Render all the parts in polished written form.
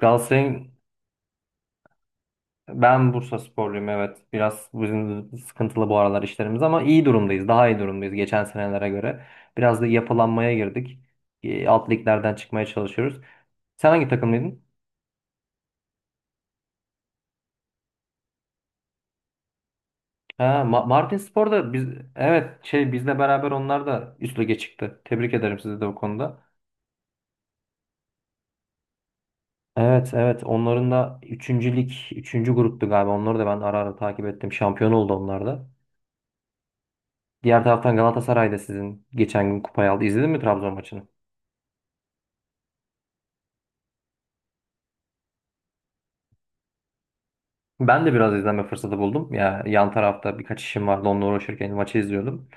Galatasaray'ın. Ben Bursasporluyum, evet. Biraz bizim sıkıntılı bu aralar işlerimiz ama iyi durumdayız. Daha iyi durumdayız geçen senelere göre. Biraz da yapılanmaya girdik. Alt liglerden çıkmaya çalışıyoruz. Sen hangi takımlıydın? Ha, Martinspor'da biz, evet, şey, bizle beraber onlar da üst lige çıktı. Tebrik ederim sizi de bu konuda. Evet, evet, onların da 3. lig 3. gruptu galiba. Onları da ben ara ara takip ettim. Şampiyon oldu onlar da. Diğer taraftan Galatasaray da sizin geçen gün kupayı aldı. İzledin mi Trabzon maçını? Ben de biraz izleme fırsatı buldum. Ya yan tarafta birkaç işim vardı. Onunla uğraşırken maçı izliyordum.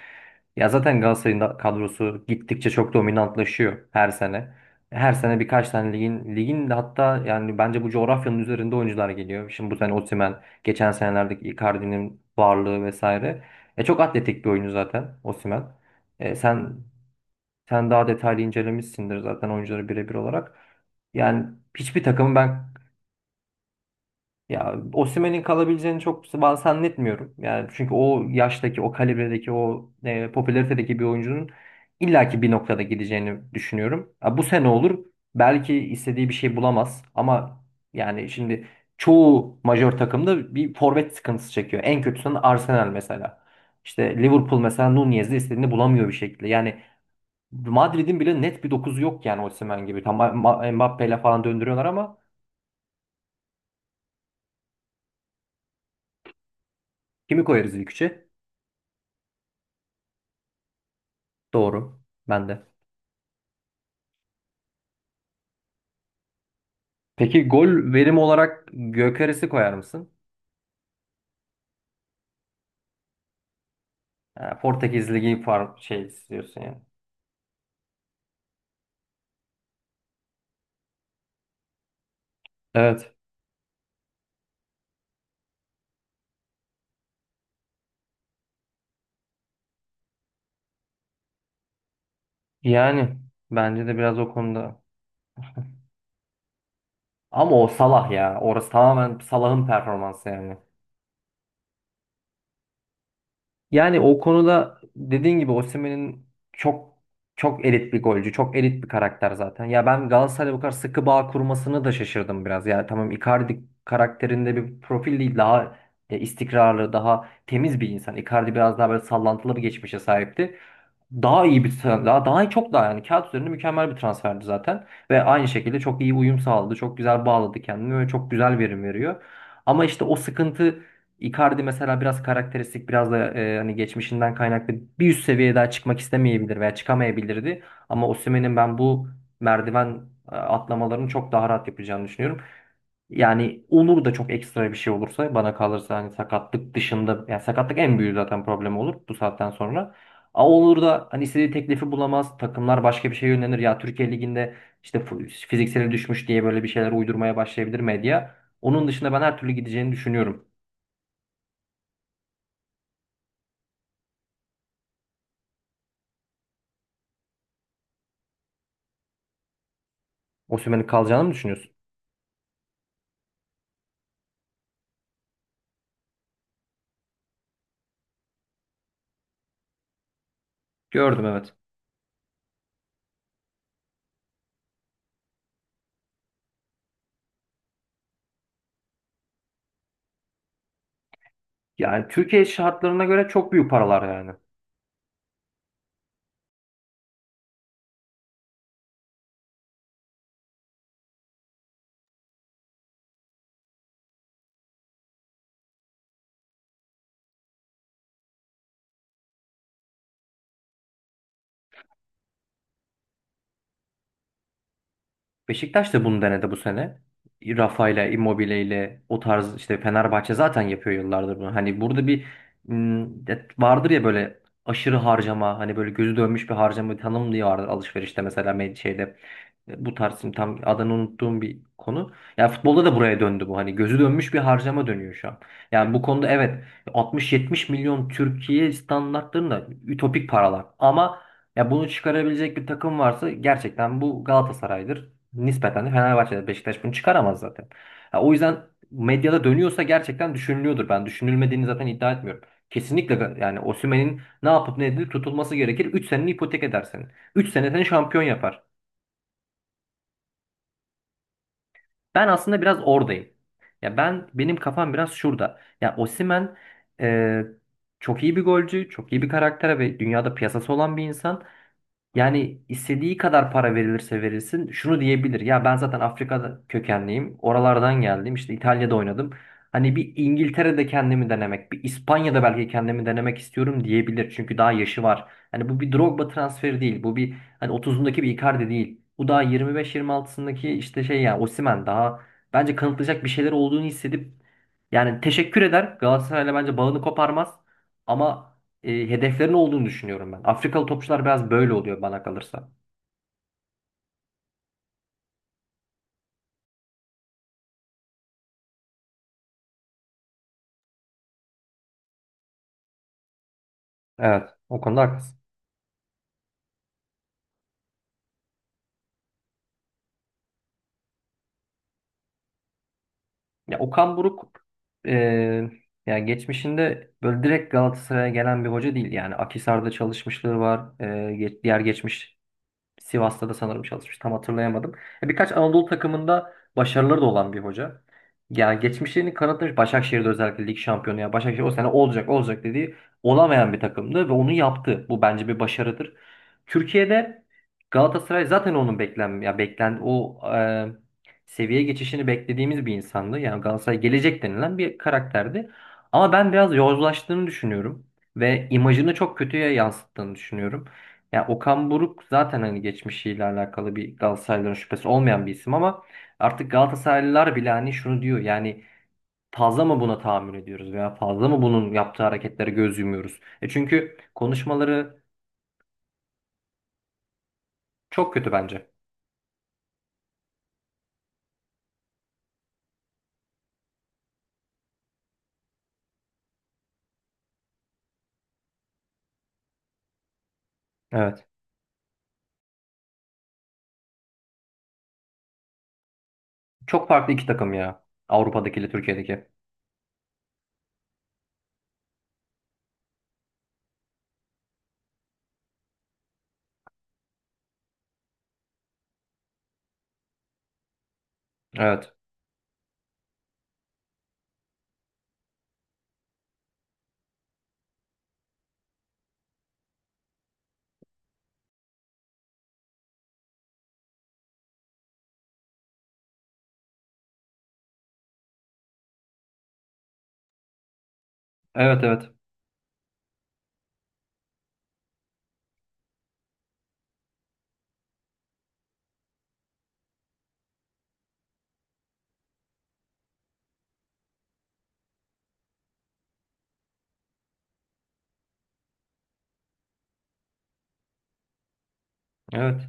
Ya zaten Galatasaray'ın da kadrosu gittikçe çok dominantlaşıyor her sene. Her sene birkaç tane ligin de hatta, yani bence bu coğrafyanın üzerinde oyuncular geliyor. Şimdi bu sene Osimhen, geçen senelerdeki Icardi'nin varlığı vesaire. Çok atletik bir oyuncu zaten Osimhen. E sen sen daha detaylı incelemişsindir zaten oyuncuları birebir olarak. Yani hiçbir takımı ben, ya Osimhen'in kalabileceğini çok ben zannetmiyorum. Yani çünkü o yaştaki, o kalibredeki, o popülaritedeki bir oyuncunun illaki bir noktada gideceğini düşünüyorum. Ha, bu sene olur. Belki istediği bir şey bulamaz ama yani şimdi çoğu majör takımda bir forvet sıkıntısı çekiyor. En kötüsünün Arsenal mesela. İşte Liverpool mesela Nunez'i istediğini bulamıyor bir şekilde. Yani Madrid'in bile net bir dokuzu yok yani Osimhen gibi. Tam Mbappe'yle falan döndürüyorlar ama kimi koyarız ilk üçe? Doğru. Ben de. Peki gol verim olarak Gökeres'i koyar mısın? Ha, Portekiz Ligi far şey istiyorsun yani. Evet. Yani bence de biraz o konuda. Ama o Salah ya. Orası tamamen Salah'ın performansı yani. Yani o konuda dediğin gibi Osimhen'in çok çok elit bir golcü, çok elit bir karakter zaten. Ya ben Galatasaray'la bu kadar sıkı bağ kurmasını da şaşırdım biraz. Ya tamam Icardi karakterinde bir profil değil, daha istikrarlı, daha temiz bir insan. Icardi biraz daha böyle sallantılı bir geçmişe sahipti. Daha iyi bir çok daha, yani kağıt üzerinde mükemmel bir transferdi zaten ve aynı şekilde çok iyi uyum sağladı. Çok güzel bağladı kendini ve çok güzel verim veriyor. Ama işte o sıkıntı, Icardi mesela biraz karakteristik, biraz da hani geçmişinden kaynaklı bir üst seviyeye daha çıkmak istemeyebilir veya çıkamayabilirdi. Ama Osimhen'in ben bu merdiven atlamalarını çok daha rahat yapacağını düşünüyorum. Yani olur da çok ekstra bir şey olursa bana kalırsa hani sakatlık dışında, yani sakatlık en büyük zaten problem olur bu saatten sonra. A olur da hani istediği teklifi bulamaz. Takımlar başka bir şeye yönelir. Ya Türkiye Ligi'nde işte fizikseli düşmüş diye böyle bir şeyler uydurmaya başlayabilir medya. Onun dışında ben her türlü gideceğini düşünüyorum. Osimhen'in kalacağını mı düşünüyorsun? Gördüm, evet. Yani Türkiye şartlarına göre çok büyük paralar yani. Beşiktaş da bunu denedi bu sene. Rafa'yla, Immobile'yle o tarz, işte Fenerbahçe zaten yapıyor yıllardır bunu. Hani burada bir vardır ya böyle aşırı harcama, hani böyle gözü dönmüş bir harcama tanım diye vardır alışverişte mesela, şeyde. Bu tarz, şimdi tam adını unuttuğum bir konu. Ya futbolda da buraya döndü bu. Hani gözü dönmüş bir harcama dönüyor şu an. Yani bu konuda evet, 60-70 milyon Türkiye standartlarında ütopik paralar ama ya bunu çıkarabilecek bir takım varsa gerçekten bu Galatasaray'dır. Nispeten de Fenerbahçe'de Beşiktaş bunu çıkaramaz zaten. Ha, o yüzden medyada dönüyorsa gerçekten düşünülüyordur. Ben düşünülmediğini zaten iddia etmiyorum. Kesinlikle, yani Osimhen'in ne yapıp ne edilip tutulması gerekir. 3 seneni ipotek eder senin. 3 sene seni şampiyon yapar. Ben aslında biraz oradayım. Ya ben, benim kafam biraz şurada. Ya Osimhen e, çok iyi bir golcü, çok iyi bir karaktere ve dünyada piyasası olan bir insan. Yani istediği kadar para verilirse verilsin şunu diyebilir. Ya ben zaten Afrika kökenliyim. Oralardan geldim. İşte İtalya'da oynadım. Hani bir İngiltere'de kendimi denemek, bir İspanya'da belki kendimi denemek istiyorum diyebilir. Çünkü daha yaşı var. Hani bu bir Drogba transferi değil. Bu bir, hani 30'undaki bir Icardi değil. Bu daha 25-26'sındaki işte şey, yani Osimhen daha bence kanıtlayacak bir şeyler olduğunu hissedip yani teşekkür eder. Galatasaray'la bence bağını koparmaz. Ama hedeflerin olduğunu düşünüyorum ben. Afrikalı topçular biraz böyle oluyor bana kalırsa. Evet, o konuda haklısın. Ya Okan Buruk e, yani geçmişinde böyle direkt Galatasaray'a gelen bir hoca değil. Yani Akhisar'da çalışmışlığı var. Diğer geçmiş Sivas'ta da sanırım çalışmış. Tam hatırlayamadım. Birkaç Anadolu takımında başarıları da olan bir hoca. Yani geçmişlerini kanıtlamış. Başakşehir'de özellikle lig şampiyonu. Yani Başakşehir o sene olacak olacak dediği olamayan bir takımdı ve onu yaptı. Bu bence bir başarıdır. Türkiye'de Galatasaray zaten onun beklen ya beklen o e, seviye geçişini beklediğimiz bir insandı. Yani Galatasaray gelecek denilen bir karakterdi. Ama ben biraz yozlaştığını düşünüyorum ve imajını çok kötüye yansıttığını düşünüyorum. Yani Okan Buruk zaten hani geçmişiyle alakalı bir Galatasaraylıların şüphesi olmayan bir isim ama artık Galatasaraylılar bile hani şunu diyor, yani fazla mı buna tahammül ediyoruz veya fazla mı bunun yaptığı hareketlere göz yumuyoruz? Çünkü konuşmaları çok kötü bence. Evet. Çok farklı iki takım ya. Avrupa'dakiyle Türkiye'deki. Evet. Evet, evet. Evet.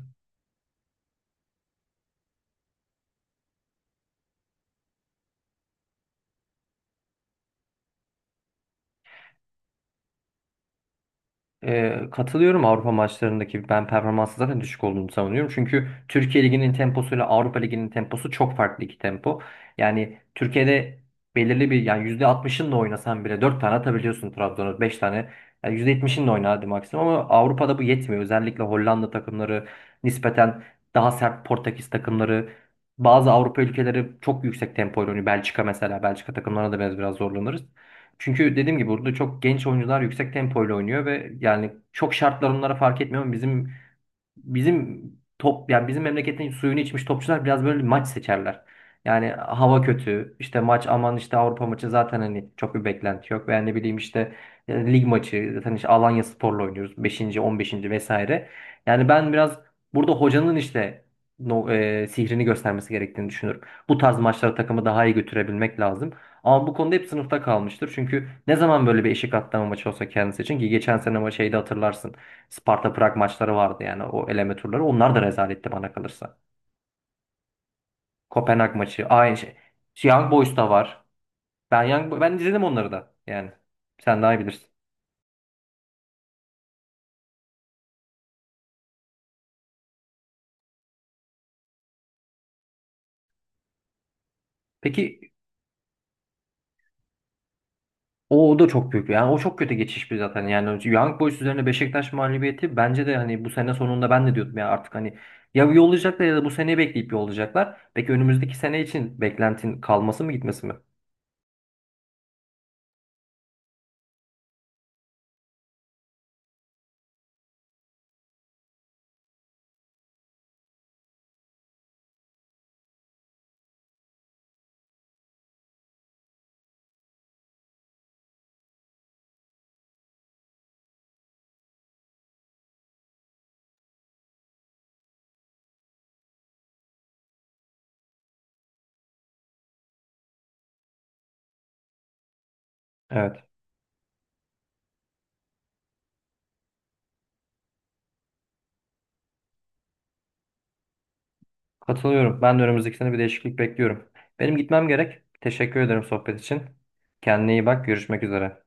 Katılıyorum, Avrupa maçlarındaki ben performansı zaten düşük olduğunu savunuyorum. Çünkü Türkiye Ligi'nin temposuyla Avrupa Ligi'nin temposu çok farklı iki tempo. Yani Türkiye'de belirli bir, yani %60'ınla oynasan bile 4 tane atabiliyorsun Trabzon'a, 5 tane. Yani %70'inle oyna hadi maksimum, ama Avrupa'da bu yetmiyor. Özellikle Hollanda takımları nispeten daha sert, Portekiz takımları, bazı Avrupa ülkeleri çok yüksek tempoyla oynuyor. Belçika mesela, Belçika takımlarına da biraz zorlanırız. Çünkü dediğim gibi burada çok genç oyuncular yüksek tempoyla oynuyor ve yani çok şartlar onlara fark etmiyor ama bizim top, yani bizim memleketin suyunu içmiş topçular biraz böyle maç seçerler. Yani hava kötü işte, maç aman işte, Avrupa maçı zaten hani çok bir beklenti yok veya ne bileyim, işte lig maçı zaten, işte Alanya Spor'la oynuyoruz beşinci, on beşinci vesaire. Yani ben biraz burada hocanın işte no, e, sihrini göstermesi gerektiğini düşünüyorum. Bu tarz maçlara takımı daha iyi götürebilmek lazım. Ama bu konuda hep sınıfta kalmıştır. Çünkü ne zaman böyle bir eşik atlama maçı olsa kendisi için, ki geçen sene ama şeyde hatırlarsın. Sparta Prag maçları vardı, yani o eleme turları. Onlar da rezaletti bana kalırsa. Kopenhag maçı aynı şey. Young Boys da var. Ben izledim onları da yani. Sen daha iyi bilirsin. Peki o da çok büyük, yani o çok kötü geçiş bir zaten, yani Young Boys üzerine Beşiktaş mağlubiyeti bence de, hani bu sene sonunda ben de diyordum ya artık hani ya yollayacaklar ya da bu seneyi bekleyip yollayacaklar. Peki önümüzdeki sene için beklentin kalması mı, gitmesi mi? Evet. Katılıyorum. Ben de önümüzdeki sene bir değişiklik bekliyorum. Benim gitmem gerek. Teşekkür ederim sohbet için. Kendine iyi bak. Görüşmek üzere.